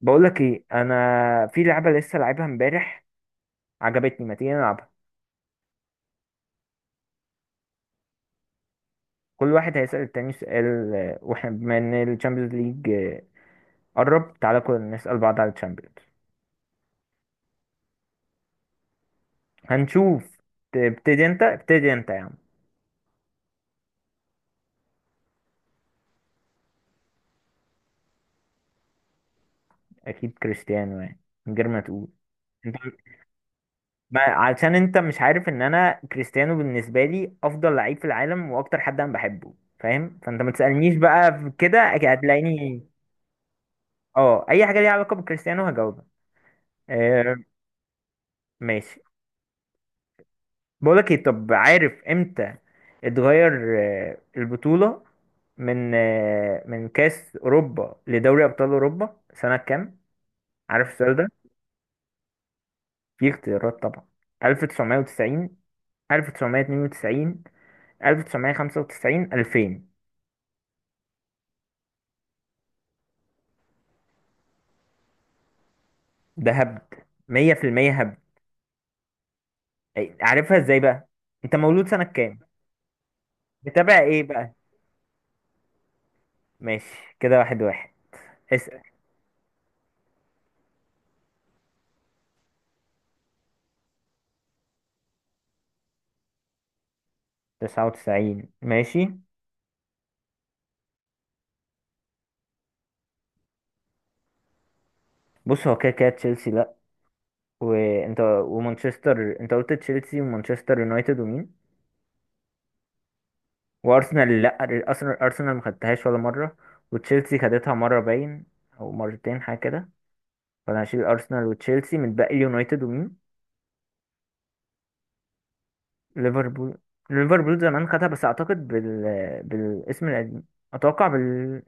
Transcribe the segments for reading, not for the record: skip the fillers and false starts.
بقول لك ايه، انا في لعبه لسه لعبها امبارح عجبتني. ما تيجي نلعبها؟ كل واحد هيسأل التاني سؤال، واحنا بما ان الشامبيونز ليج قرب. تعالى كلنا نسأل بعض على الشامبيونز. هنشوف. تبتدي انت ابتدي انت يا عم. اكيد كريستيانو، يعني من غير ما تقول. انت، ما علشان انت مش عارف ان انا كريستيانو بالنسبه لي افضل لعيب في العالم واكتر حد انا بحبه، فاهم؟ فانت ما تسألنيش بقى في كده، أكيد هتلاقيني. اه، اي حاجه ليها علاقه بكريستيانو هجاوبها. آه، ماشي. بقولك ايه، طب عارف امتى اتغير البطولة، من كأس أوروبا لدوري أبطال أوروبا سنة كام؟ عارف السؤال ده؟ في اختيارات طبعا. 1990، 1992، 1995، 2000. ده هبد، 100% هبد. عارفها ازاي بقى؟ انت مولود سنة كام؟ متابع ايه بقى؟ ماشي كده، واحد واحد. اسأل. 99، ماشي. بص، هو كده كده تشيلسي لا. وانت، ومانشستر، انت قلت تشيلسي ومانشستر يونايتد ومين؟ وارسنال لا، ارسنال ارسنال ما خدتهاش ولا مره. وتشيلسي خدتها مره باين، او مرتين حاجه كده. فانا هشيل ارسنال وتشيلسي، من باقي يونايتد ومين؟ ليفربول. ليفربول زمان خدها بس، اعتقد بالاسم القديم. اتوقع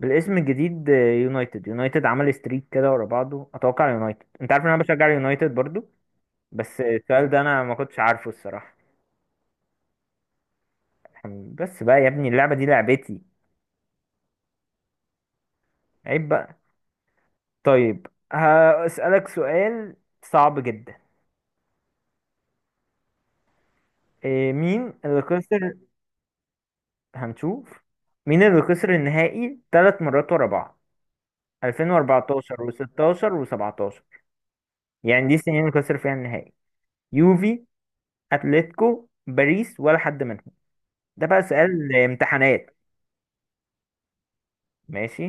بالاسم الجديد. يونايتد. يونايتد عمل ستريك كده ورا بعضه، اتوقع يونايتد. انت عارف ان انا بشجع يونايتد برضو. بس السؤال ده انا ما كنتش عارفه الصراحه. بس بقى يا ابني، اللعبه دي لعبتي. عيب بقى. طيب هسألك سؤال صعب جدا. إيه؟ مين اللي خسر؟ هنشوف. مين اللي خسر النهائي ثلاث مرات ورا بعض؟ 2014 و16 و17، يعني دي السنين اللي خسر فيها النهائي. يوفي، اتلتيكو، باريس، ولا حد منهم؟ ده بقى سؤال امتحانات. ماشي.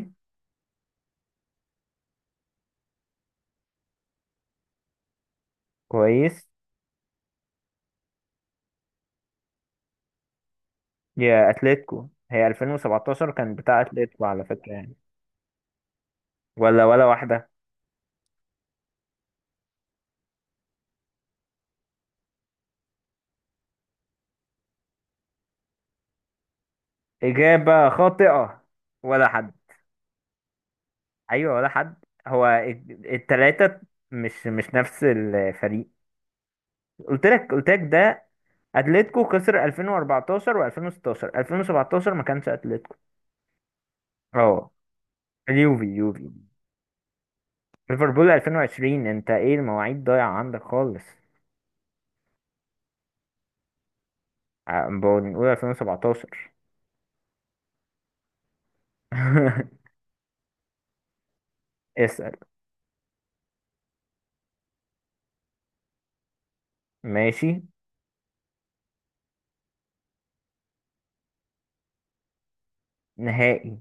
كويس. يا اتلتيكو، هي 2017 كان بتاع اتلتيكو على فكرة يعني. ولا ولا واحدة. إجابة خاطئة. ولا حد. ايوه ولا حد. هو التلاتة مش نفس الفريق. قلت لك ده. اتلتيكو خسر 2014، و2016 2017 ما كانش اتلتيكو. اه، اليوفي اليوفي. ليفربول 2020؟ انت ايه، المواعيد ضايعة عندك خالص. بنقول 2017. اسأل. ماشي. نهائي.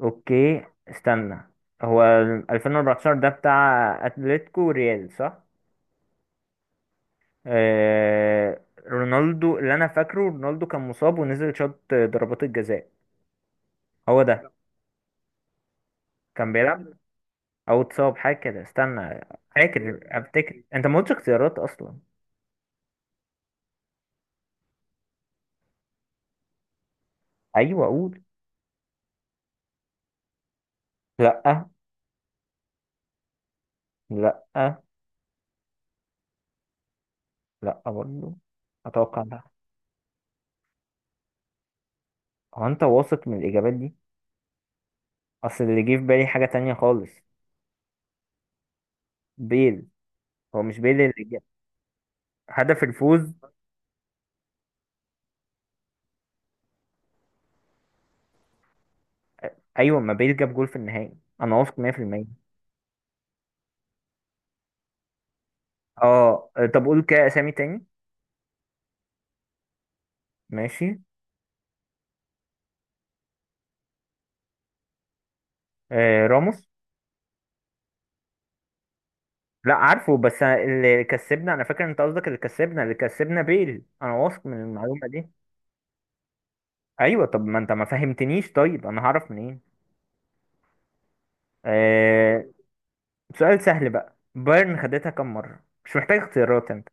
اوكي استنى، هو 2014 ده بتاع اتلتيكو ريال، صح؟ آه، رونالدو، اللي انا فاكره رونالدو كان مصاب ونزل شاط ضربات الجزاء. هو ده. كان بيلعب، او اتصاب حاجه كده، استنى. افتكر، انت ما قلتش اختيارات اصلا. ايوه اقول. لا. لا. لا برضه. اتوقع ده. هو انت واثق من الاجابات دي؟ اصل اللي جه في بالي حاجه تانية خالص. بيل. هو مش بيل اللي جاب هدف الفوز؟ ايوه، ما بيل جاب جول في النهائي، انا واثق 100%. اه طب قول كده اسامي تاني. ماشي. راموس. لا عارفه، بس اللي كسبنا، انا فاكر انت قصدك اللي كسبنا، بيل. انا واثق من المعلومه دي. ايوه طب ما انت ما فهمتنيش، طيب انا هعرف منين؟ آه... سؤال سهل بقى. بايرن خدتها كم مره؟ مش محتاج اختيارات انت.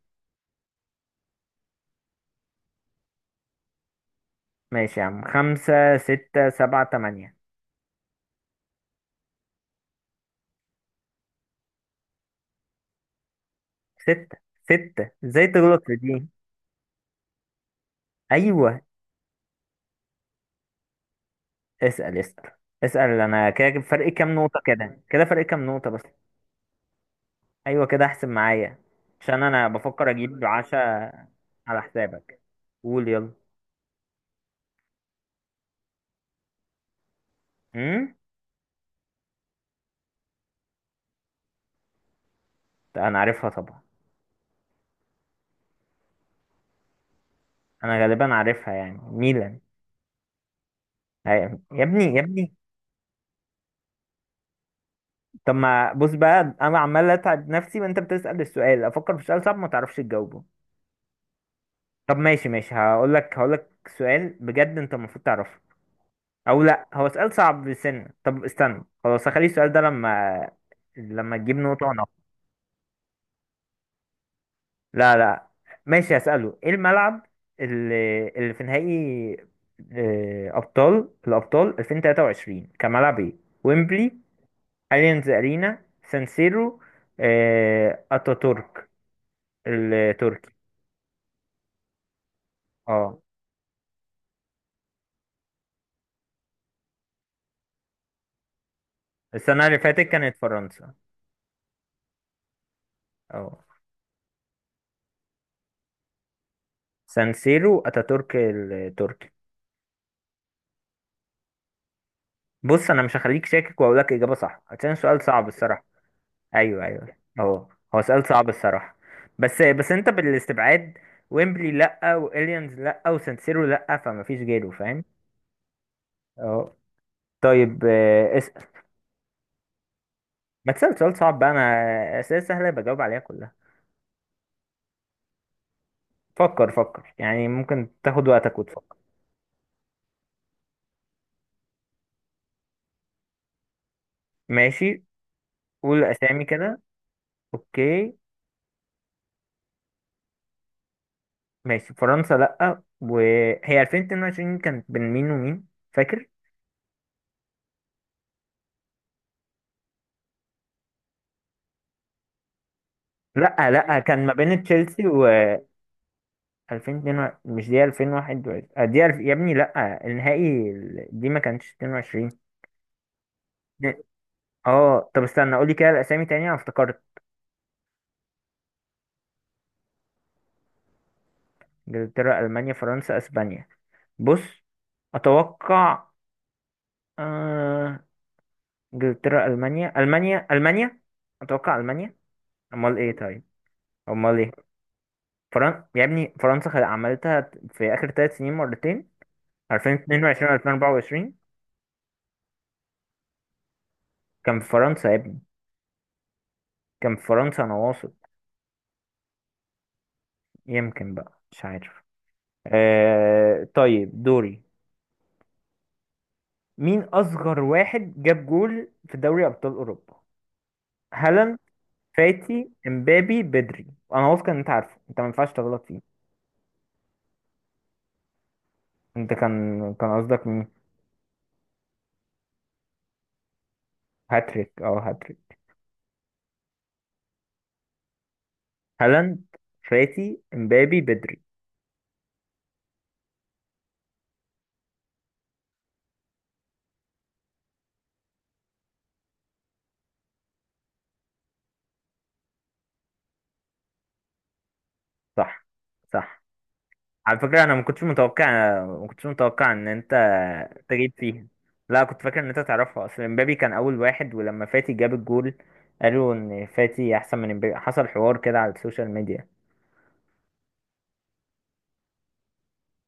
ماشي يا عم، خمسة ستة سبعة تمانية. ستة. ستة، ازاي تغلط في دي؟ ايوه. اسأل اسأل. اسأل. انا كده فرق كام نقطة؟ كده كده فرق كام نقطة بس. ايوه كده احسن معايا، عشان انا بفكر اجيب عشاء على حسابك. قول يلا. امم. انا عارفها طبعا. انا غالبا عارفها، يعني ميلان. أي- يا ابني يا ابني. طب ما بص بقى، انا عمال اتعب نفسي وانت بتسأل السؤال، افكر في سؤال صعب ما تعرفش تجاوبه. طب ماشي ماشي، هقول لك. سؤال بجد انت المفروض تعرفه. او لا، هو سؤال صعب بسنة. طب استنى، خلاص هخلي السؤال ده لما. لما تجيب نقطة. لا لا. ماشي هسأله. ايه الملعب اللي في نهائي الابطال 2023، كملعب ايه؟ ويمبلي. اليانز ارينا. سان سيرو. اتاتورك التركي. اه، السنة اللي فاتت كانت فرنسا. اه، سان سيرو، اتاتورك التركي. بص، انا مش هخليك شاكك، واقول لك اجابة صح عشان سؤال صعب الصراحة. ايوه ايوه اهو. هو سؤال صعب الصراحه، بس بس انت بالاستبعاد. ويمبلي لا، واليانز لا، وسانسيرو لا، فما فيش غيره، فاهم؟ اهو. طيب اسال. ما تسال سؤال صعب بقى، انا اسئله سهله بجاوب عليها كلها. فكر فكر، يعني ممكن تاخد وقتك وتفكر. ماشي. قول اسامي كده. اوكي. ماشي. فرنسا لا. وهي 2022 كانت بين مين ومين؟ فاكر. لا لا، كان ما بين تشيلسي. 2002؟ مش دي 2021. دي يا ابني، لا النهائي دي ما كانتش 22. اه طب استنى، قولي كده الاسامي تاني، انا افتكرت. انجلترا، المانيا، فرنسا، اسبانيا. بص، اتوقع. آه... انجلترا، المانيا، المانيا، المانيا. اتوقع المانيا. امال ايه طيب؟ امال ايه؟ يا ابني، فرنسا عملتها في اخر ثلاث سنين مرتين، 2022 2024. كان في فرنسا يا ابني. كان في فرنسا، انا واثق. يمكن بقى، مش عارف. آه طيب، دوري. مين أصغر واحد جاب جول في دوري أبطال أوروبا؟ هالاند، فاتي، امبابي، بدري. أنا واثق إن أنت عارفه، أنت ما ينفعش تغلط فيه. أنت كان قصدك مين؟ هاتريك، أه هاتريك. هالاند، فاتي، امبابي، بدري. صح. صح. على فكرة أنا ما كنتش متوقع، إن أنت تجيب فيها. لا، كنت فاكر إن أنت تعرفها. أصل إمبابي كان أول واحد، ولما فاتي جاب الجول قالوا إن فاتي أحسن من إمبابي، حصل حوار كده على السوشيال ميديا.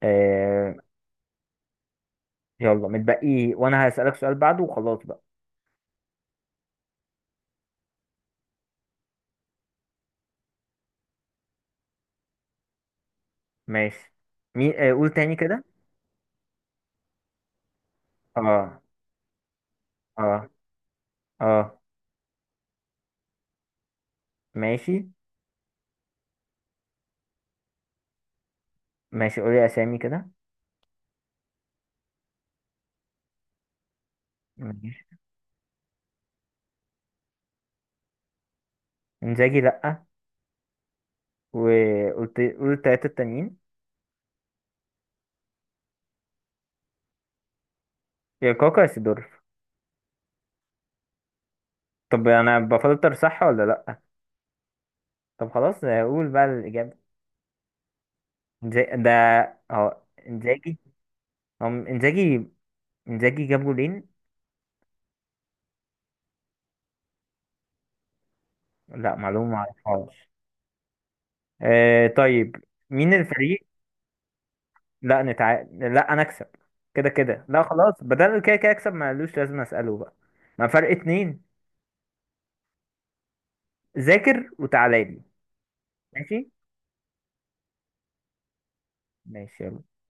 آه. يلا متبقي، وأنا هسألك سؤال بعده وخلاص بقى. ماشي. مين؟ آه، قول تاني كده. آه. آه. آه. ماشي ماشي. قولي أسامي كده. ماشي. إنزاجي لأ. وقلت، قول التلاتة التانيين. يا كاكا يا سيدورف. طب أنا بفلتر صح ولا لأ؟ طب خلاص، قول بقى الإجابة. ده. هو إنزاجي. هو إنزاجي. إنزاجي جاب جولين. لا، معلومة ما أعرفهاش. آه طيب. مين الفريق؟ لا لا، أنا أكسب. كده كده لا، خلاص بدل كده كده أكسب، ملوش لازم أسأله بقى. ما فرق اتنين. ذاكر وتعالى لي. ماشي. ماشي يلا.